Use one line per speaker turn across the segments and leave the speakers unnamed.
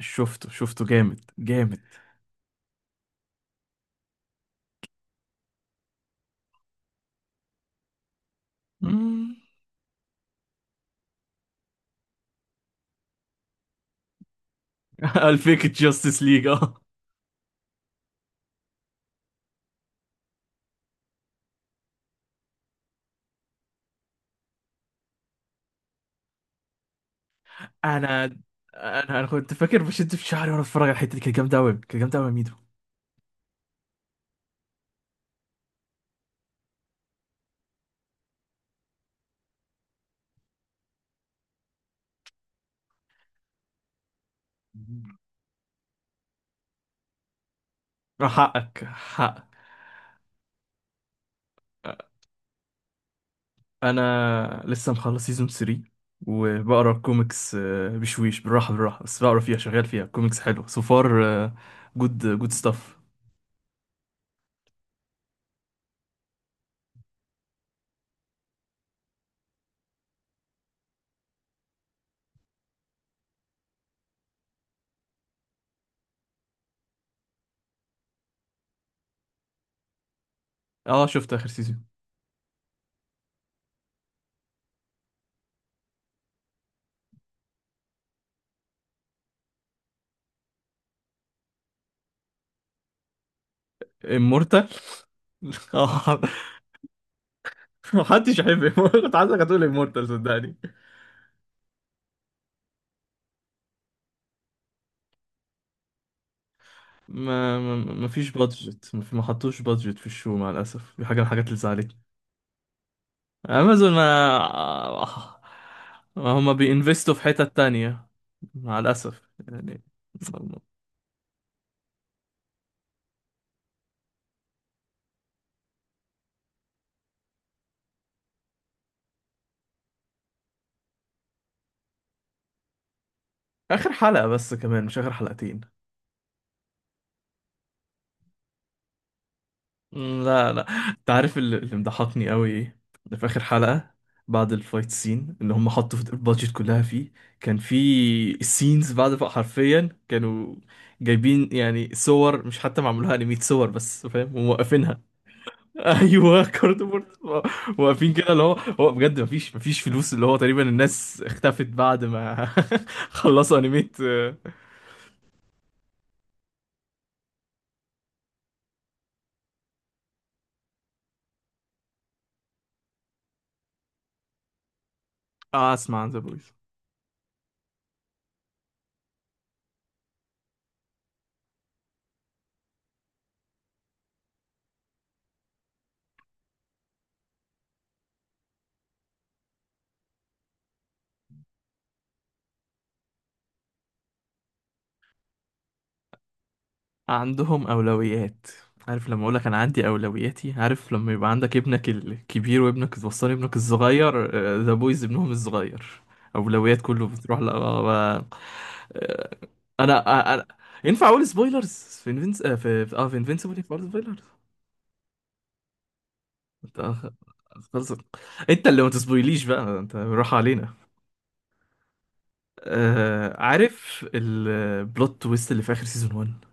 شفته جامد جامد. مم. الفيك جاستس ليج اه. انا انا كنت فاكر بشد في شعري وانا بتفرج على الحته دي، كانت جامده قوي كانت جامده قوي يا ميدو. آه، حقك حقك. انا لسه مخلص سيزون 3 وبقرا الكوميكس، بشويش بالراحه بالراحه، بس بقرا فيها شغال فيها كوميكس حلو سو فار، جود جود ستاف. اه شفت اخر سيزون. امورتال اه. محدش يحب Immortal. كنت عايزك هتقول امورتال صدقني. ما فيش بادجت، ما حطوش بادجت في الشو، مع الاسف دي حاجه من الحاجات اللي زعلتني. امازون ما هما بينفستوا في حتت تانية، مع الاسف يعني. اخر حلقه بس كمان، مش اخر حلقتين. لا لا، انت عارف اللي مضحكني قوي ايه؟ ده في اخر حلقه، بعد الفايت سين اللي هم حطوا في البادجت كلها فيه، كان في السينز بعد بقى حرفيا كانوا جايبين يعني صور، مش حتى معمولها انيميت، صور بس فاهم وموقفينها. ايوه كاردبورد، واقفين كده. اللي هو هو بجد، مفيش مفيش فلوس، اللي هو تقريبا الناس اختفت بعد ما خلصوا انيميت. اه اسمع عن ذا بويز. عندهم اولويات. عارف لما اقول لك انا عندي اولوياتي، عارف لما يبقى عندك ابنك الكبير وابنك الوسطاني ابنك الصغير؟ ذا بويز ابنهم الصغير. اولويات كله بتروح لا. انا، ينفع اقول سبويلرز؟ في انفنس في انفنسبل ينفع اقول سبويلرز؟ انت خلصت. انت اللي ما تسبويليش بقى، انت راح علينا. آه عارف البلوت تويست اللي في اخر سيزون 1؟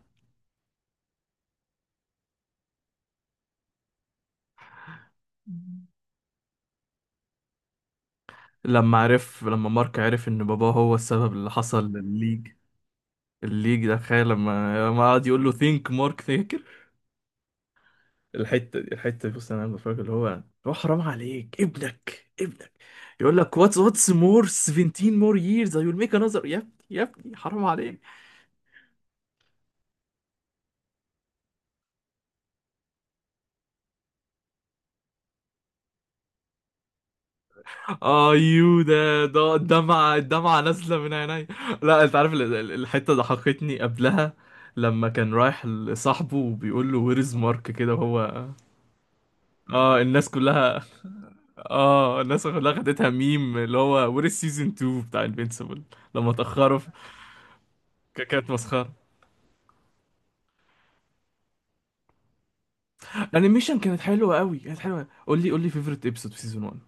لما عرف، لما مارك عرف ان باباه هو السبب اللي حصل للليج، الليج ده، تخيل لما قعد يقول له ثينك مارك ثينكر. الحته دي الحته دي، بص انا بفكر اللي هو، هو حرام عليك، ابنك ابنك. يقول لك واتس مور 17 مور ييرز اي ويل ميك انذر. يا ابني يا ابني حرام. ايوه ده ده، الدمعه الدمعه نازله من عيني. لا انت عارف، الحته ضحكتني قبلها، لما كان رايح لصاحبه وبيقول له وير از مارك كده وهو. اه الناس كلها، اه الناس كلها خدتها ميم، اللي هو وير از سيزون 2 بتاع انفينسيبل، لما اتاخروا كانت مسخره. الانيميشن كانت حلوه قوي كانت حلوه. قول لي قول لي فيفورت ابيسود في سيزون 1.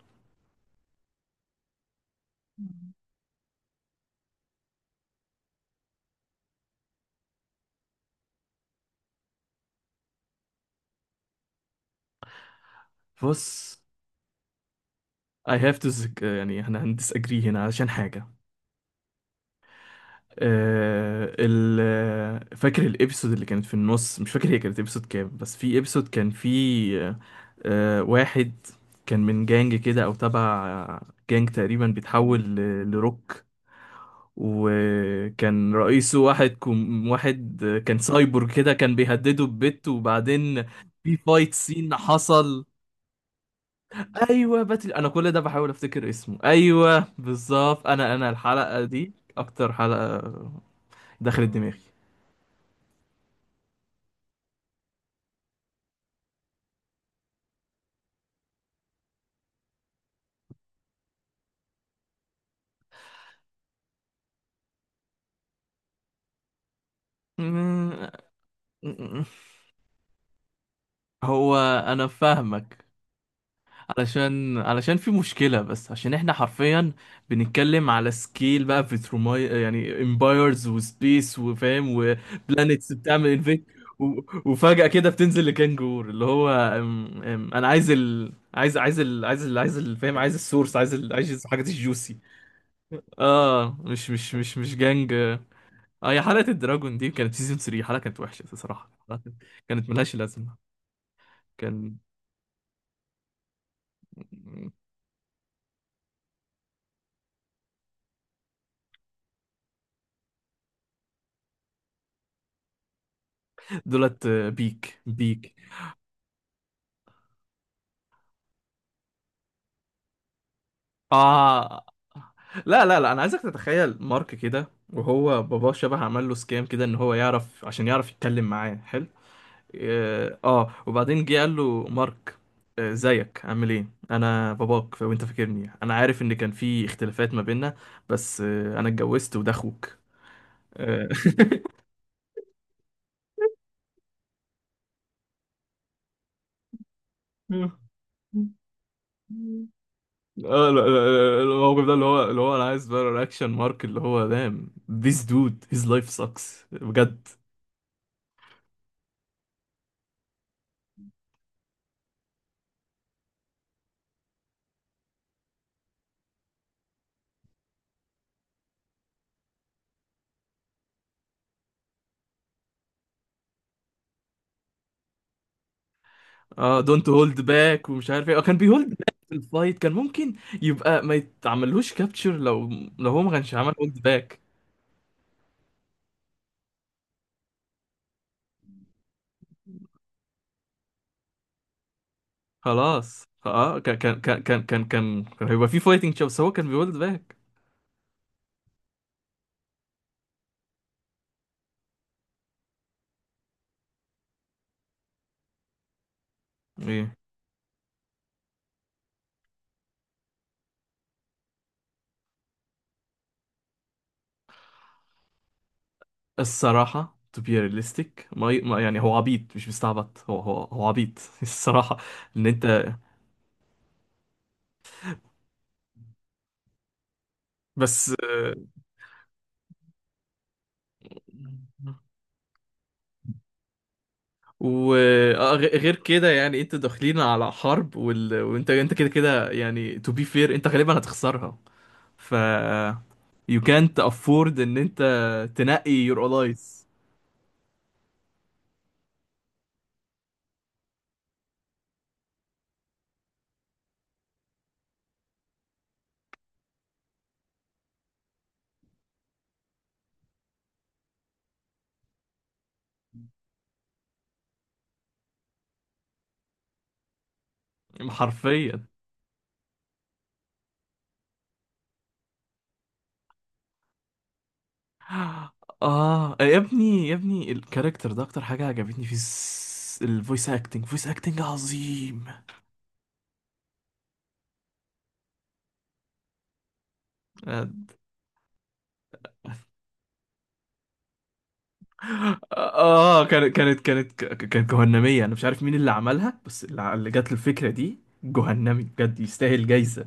بص، I have to disagree، يعني احنا هندس اجري هنا عشان حاجه. فاكر الابيسود اللي كانت في النص؟ مش فاكر هي كانت ابيسود كام، بس في ابيسود كان في آه، واحد، كان من جانج كده، او تبع جانج، تقريبا بيتحول لروك، وكان رئيسه واحد، كم واحد، كان سايبورغ كده، كان بيهدده ببت، وبعدين في فايت سين حصل. ايوه باتل، انا كل ده بحاول افتكر اسمه، ايوه بالظبط. انا الحلقه دي اكتر حلقه دخلت دماغي. م- م- هو انا فاهمك، علشان علشان في مشكلة، بس عشان احنا حرفيا بنتكلم على سكيل بقى بتروماي، يعني امبايرز وسبيس وفاهم وبلانيتس بتعمل انفيت، و... وفجأة كده بتنزل لكانجور، اللي هو انا عايز عايز فاهم، عايز السورس، عايز عايز الحاجات الجوسي. اه مش جانج اه. هي حلقة الدراجون دي كانت سيزون 3 حلقة، كانت وحشة بصراحة، حلقة كانت ملهاش لازمة. كان دولت بيك بيك. اه لا لا لا، انا عايزك تتخيل مارك كده، وهو باباه شبه عمل له سكام كده، ان هو يعرف، عشان يعرف يتكلم معاه حلو. اه، وبعدين جه قال له مارك، آه ازيك عامل ايه؟ انا باباك، وانت فاكرني، انا عارف ان كان في اختلافات ما بيننا، بس آه، انا اتجوزت وده اخوك. آه، الموقف ده، اللي هو اللي هو انا عايز بقى رياكشن مارك، اللي هو دام، this dude his life sucks، بجد. اه don't hold back ومش عارف ايه، كان بيهولد باك. في الفايت، كان ممكن يبقى ما يتعملوش كابتشر، لو هو ما كانش عمل هولد باك. خلاص اه، كان هيبقى في فايتنج شو، بس هو كان بيهولد باك. ايه الصراحة، to be realistic، ما ي- ما- يعني هو عبيط، مش مستعبط، هو عبيط الصراحة، ان انت. بس آه، وغير كده، يعني انتوا داخلين على حرب، وانت انت كده كده يعني، to be fair انت غالبا هتخسرها. ف you can't afford ان انت تنقي your allies. حرفيا. اه يا ابني يا ابني، الكاركتر ده اكتر حاجة عجبتني في الفويس اكتنج. فويس اكتنج عظيم. آه. اه كانت جهنمية، انا مش عارف مين اللي عملها، بس اللي جات له الفكرة دي، جهنمي بجد، يستاهل جايزة.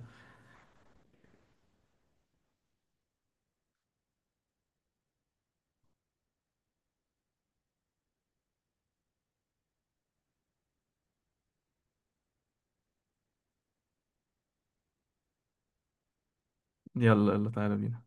يلا يلا تعالى بينا.